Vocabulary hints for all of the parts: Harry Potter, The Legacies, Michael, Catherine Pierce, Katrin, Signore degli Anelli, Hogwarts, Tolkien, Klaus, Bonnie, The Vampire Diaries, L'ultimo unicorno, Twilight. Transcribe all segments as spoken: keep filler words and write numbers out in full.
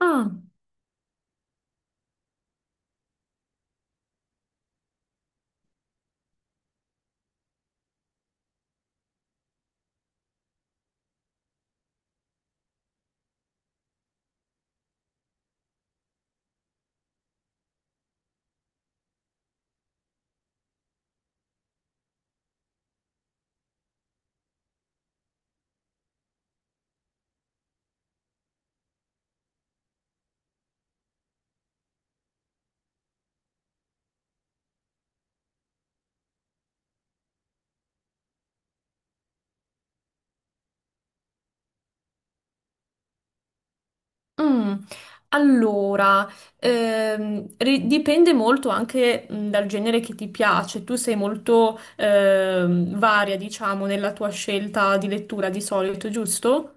Ah, mm. Allora, ehm, ri- dipende molto anche mm, dal genere che ti piace. Tu sei molto ehm, varia, diciamo, nella tua scelta di lettura di solito, giusto?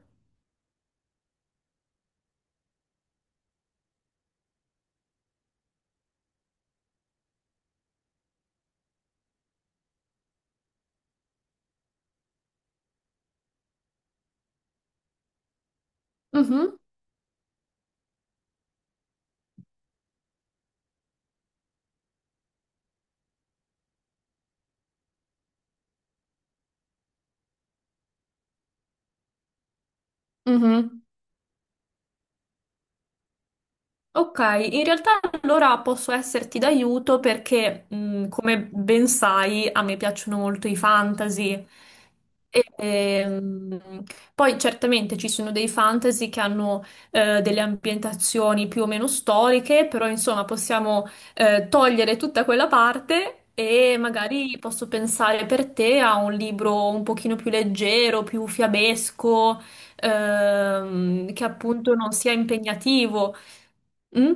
Mhm, mhm. Ok, in realtà allora posso esserti d'aiuto perché, mh, come ben sai, a me piacciono molto i fantasy. E, ehm, Poi certamente ci sono dei fantasy che hanno eh, delle ambientazioni più o meno storiche, però insomma possiamo eh, togliere tutta quella parte e magari posso pensare per te a un libro un pochino più leggero, più fiabesco, ehm, che appunto non sia impegnativo. Mm?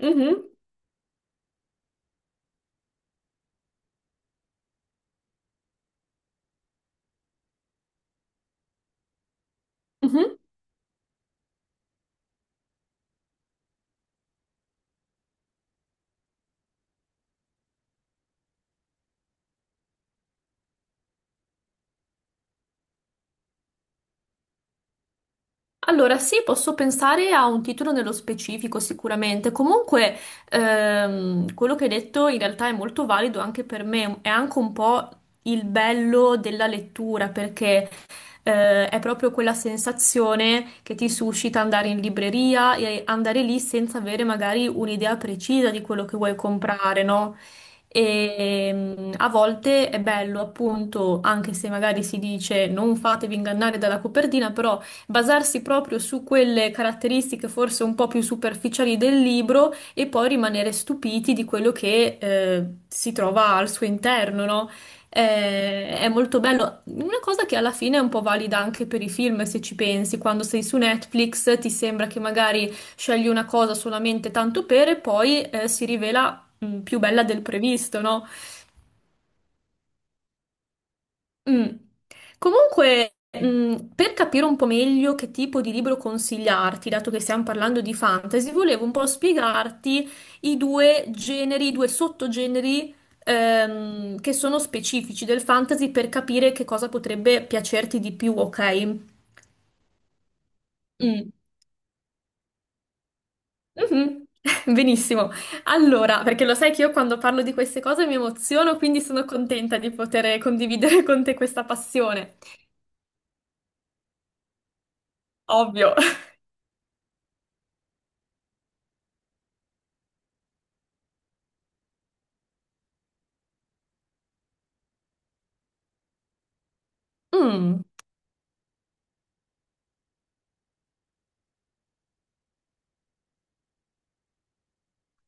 Mhm, mhm. Allora, sì, posso pensare a un titolo nello specifico sicuramente. Comunque, ehm, quello che hai detto in realtà è molto valido anche per me. È anche un po' il bello della lettura, perché eh, è proprio quella sensazione che ti suscita andare in libreria e andare lì senza avere magari un'idea precisa di quello che vuoi comprare, no? E mm, a volte è bello, appunto, anche se magari si dice non fatevi ingannare dalla copertina, però basarsi proprio su quelle caratteristiche forse un po' più superficiali del libro e poi rimanere stupiti di quello che eh, si trova al suo interno, no? Eh, è molto bello. Una cosa che alla fine è un po' valida anche per i film, se ci pensi, quando sei su Netflix ti sembra che magari scegli una cosa solamente tanto per e poi eh, si rivela mh, più bella del previsto, no? Mm. Comunque, mm, per capire un po' meglio che tipo di libro consigliarti, dato che stiamo parlando di fantasy, volevo un po' spiegarti i due generi, i due sottogeneri ehm, che sono specifici del fantasy per capire che cosa potrebbe piacerti di più, ok? Mm. Mhm. Benissimo. Allora, perché lo sai che io quando parlo di queste cose mi emoziono, quindi sono contenta di poter condividere con te questa passione. Ovvio. Mm.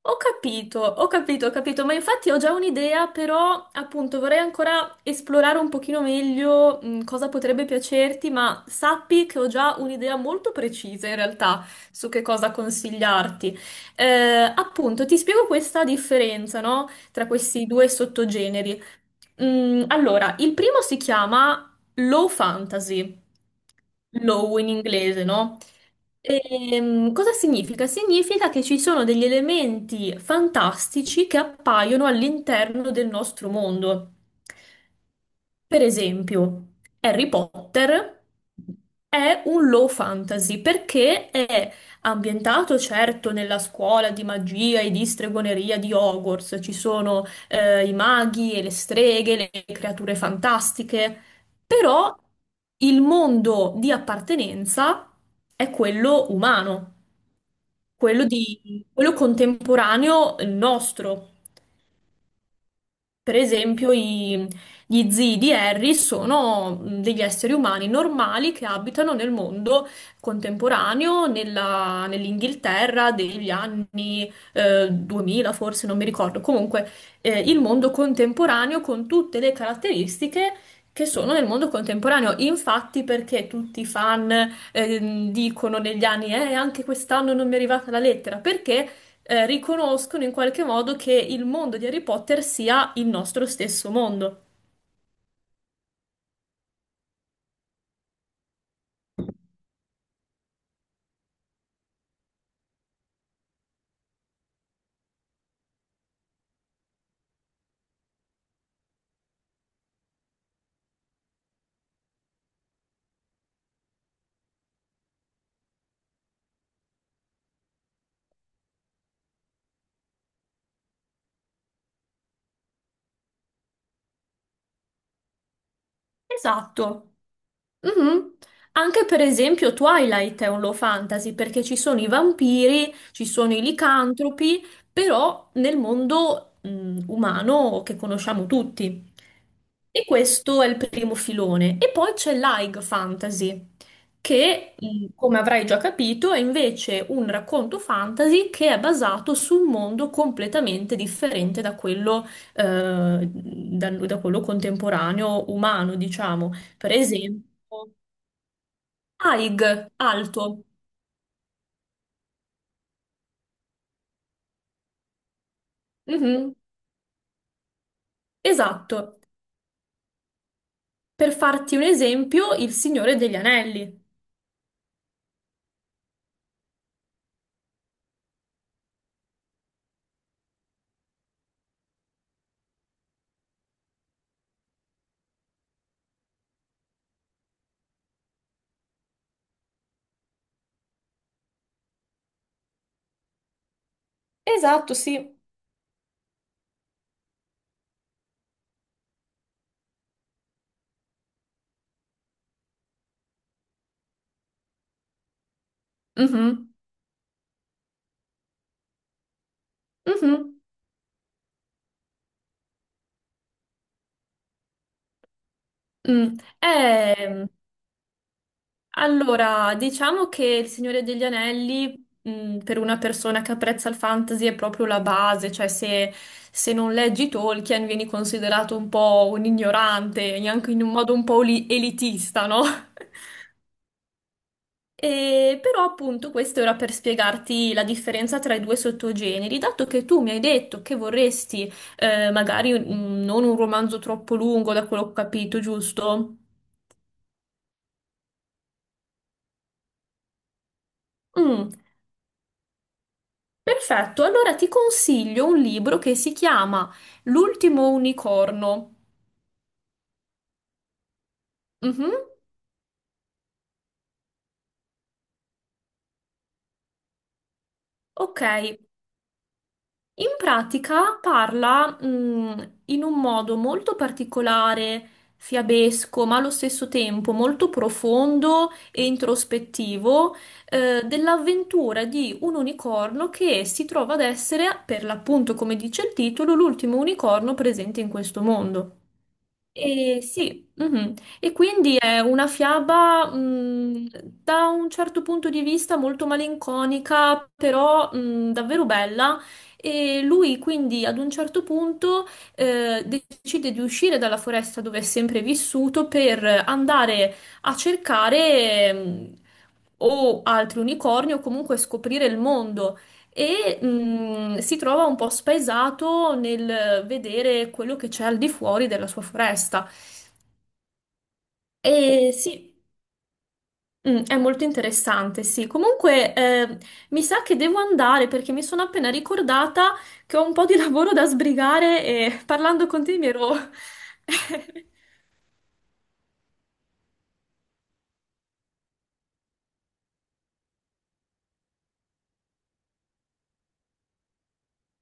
Ho capito, ho capito, ho capito, ma infatti ho già un'idea, però appunto vorrei ancora esplorare un pochino meglio mh, cosa potrebbe piacerti, ma sappi che ho già un'idea molto precisa in realtà su che cosa consigliarti. Eh, appunto, ti spiego questa differenza, no? Tra questi due sottogeneri. Mm, allora, il primo si chiama low fantasy, low in inglese, no? Ehm, cosa significa? Significa che ci sono degli elementi fantastici che appaiono all'interno del nostro mondo. Per esempio, Harry Potter è un low fantasy perché è ambientato certo nella scuola di magia e di stregoneria di Hogwarts, ci sono eh, i maghi e le streghe, le creature fantastiche, però il mondo di appartenenza è quello umano, quello di- quello contemporaneo nostro. Per esempio, i- gli zii di Harry sono mh, degli esseri umani normali che abitano nel mondo contemporaneo, nella- nell'Inghilterra degli anni eh, duemila, forse non mi ricordo. Comunque, eh, il mondo contemporaneo con tutte le caratteristiche che sono nel mondo contemporaneo. Infatti, perché tutti i fan ehm, dicono negli anni, eh, anche quest'anno non mi è arrivata la lettera? Perché eh, riconoscono in qualche modo che il mondo di Harry Potter sia il nostro stesso mondo. Esatto. Mhm. Anche per esempio Twilight è un low fantasy perché ci sono i vampiri, ci sono i licantropi, però nel mondo mh, umano che conosciamo tutti. E questo è il primo filone. E poi c'è l'High Fantasy, che, mh, come avrai già capito, è invece un racconto fantasy che è basato su un mondo completamente differente da quello, eh, da da quello contemporaneo umano, diciamo. Per esempio, Aig, alto. Mhm. Esatto. Per farti un esempio, il Signore degli Anelli. Esatto, sì. Mhm, mhm, mm. Eh, allora, diciamo che il Signore degli Anelli, mm, per una persona che apprezza il fantasy, è proprio la base, cioè se, se non leggi Tolkien vieni considerato un po' un ignorante, anche in un modo un po' oli- elitista, no? E però appunto questo era per spiegarti la differenza tra i due sottogeneri, dato che tu mi hai detto che vorresti eh, magari un- non un romanzo troppo lungo, da quello che ho capito, giusto? Mm, perfetto, allora ti consiglio un libro che si chiama L'ultimo unicorno. Mhm, ok, in pratica parla, mh, in un modo molto particolare, fiabesco, ma allo stesso tempo molto profondo e introspettivo, eh, dell'avventura di un unicorno che si trova ad essere, per l'appunto, come dice il titolo, l'ultimo unicorno presente in questo mondo. E sì, mhm. E quindi è una fiaba, mh, da un certo punto di vista molto malinconica, però, mh, davvero bella. E lui quindi ad un certo punto, eh, decide di uscire dalla foresta dove è sempre vissuto per andare a cercare, mh, o altri unicorni o comunque scoprire il mondo e mh, si trova un po' spaesato nel vedere quello che c'è al di fuori della sua foresta. E sì, mm, è molto interessante, sì. Comunque, eh, mi sa che devo andare perché mi sono appena ricordata che ho un po' di lavoro da sbrigare e parlando con te mi ero...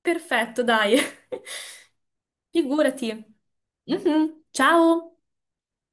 Perfetto, dai. Figurati. Mhm. Ciao.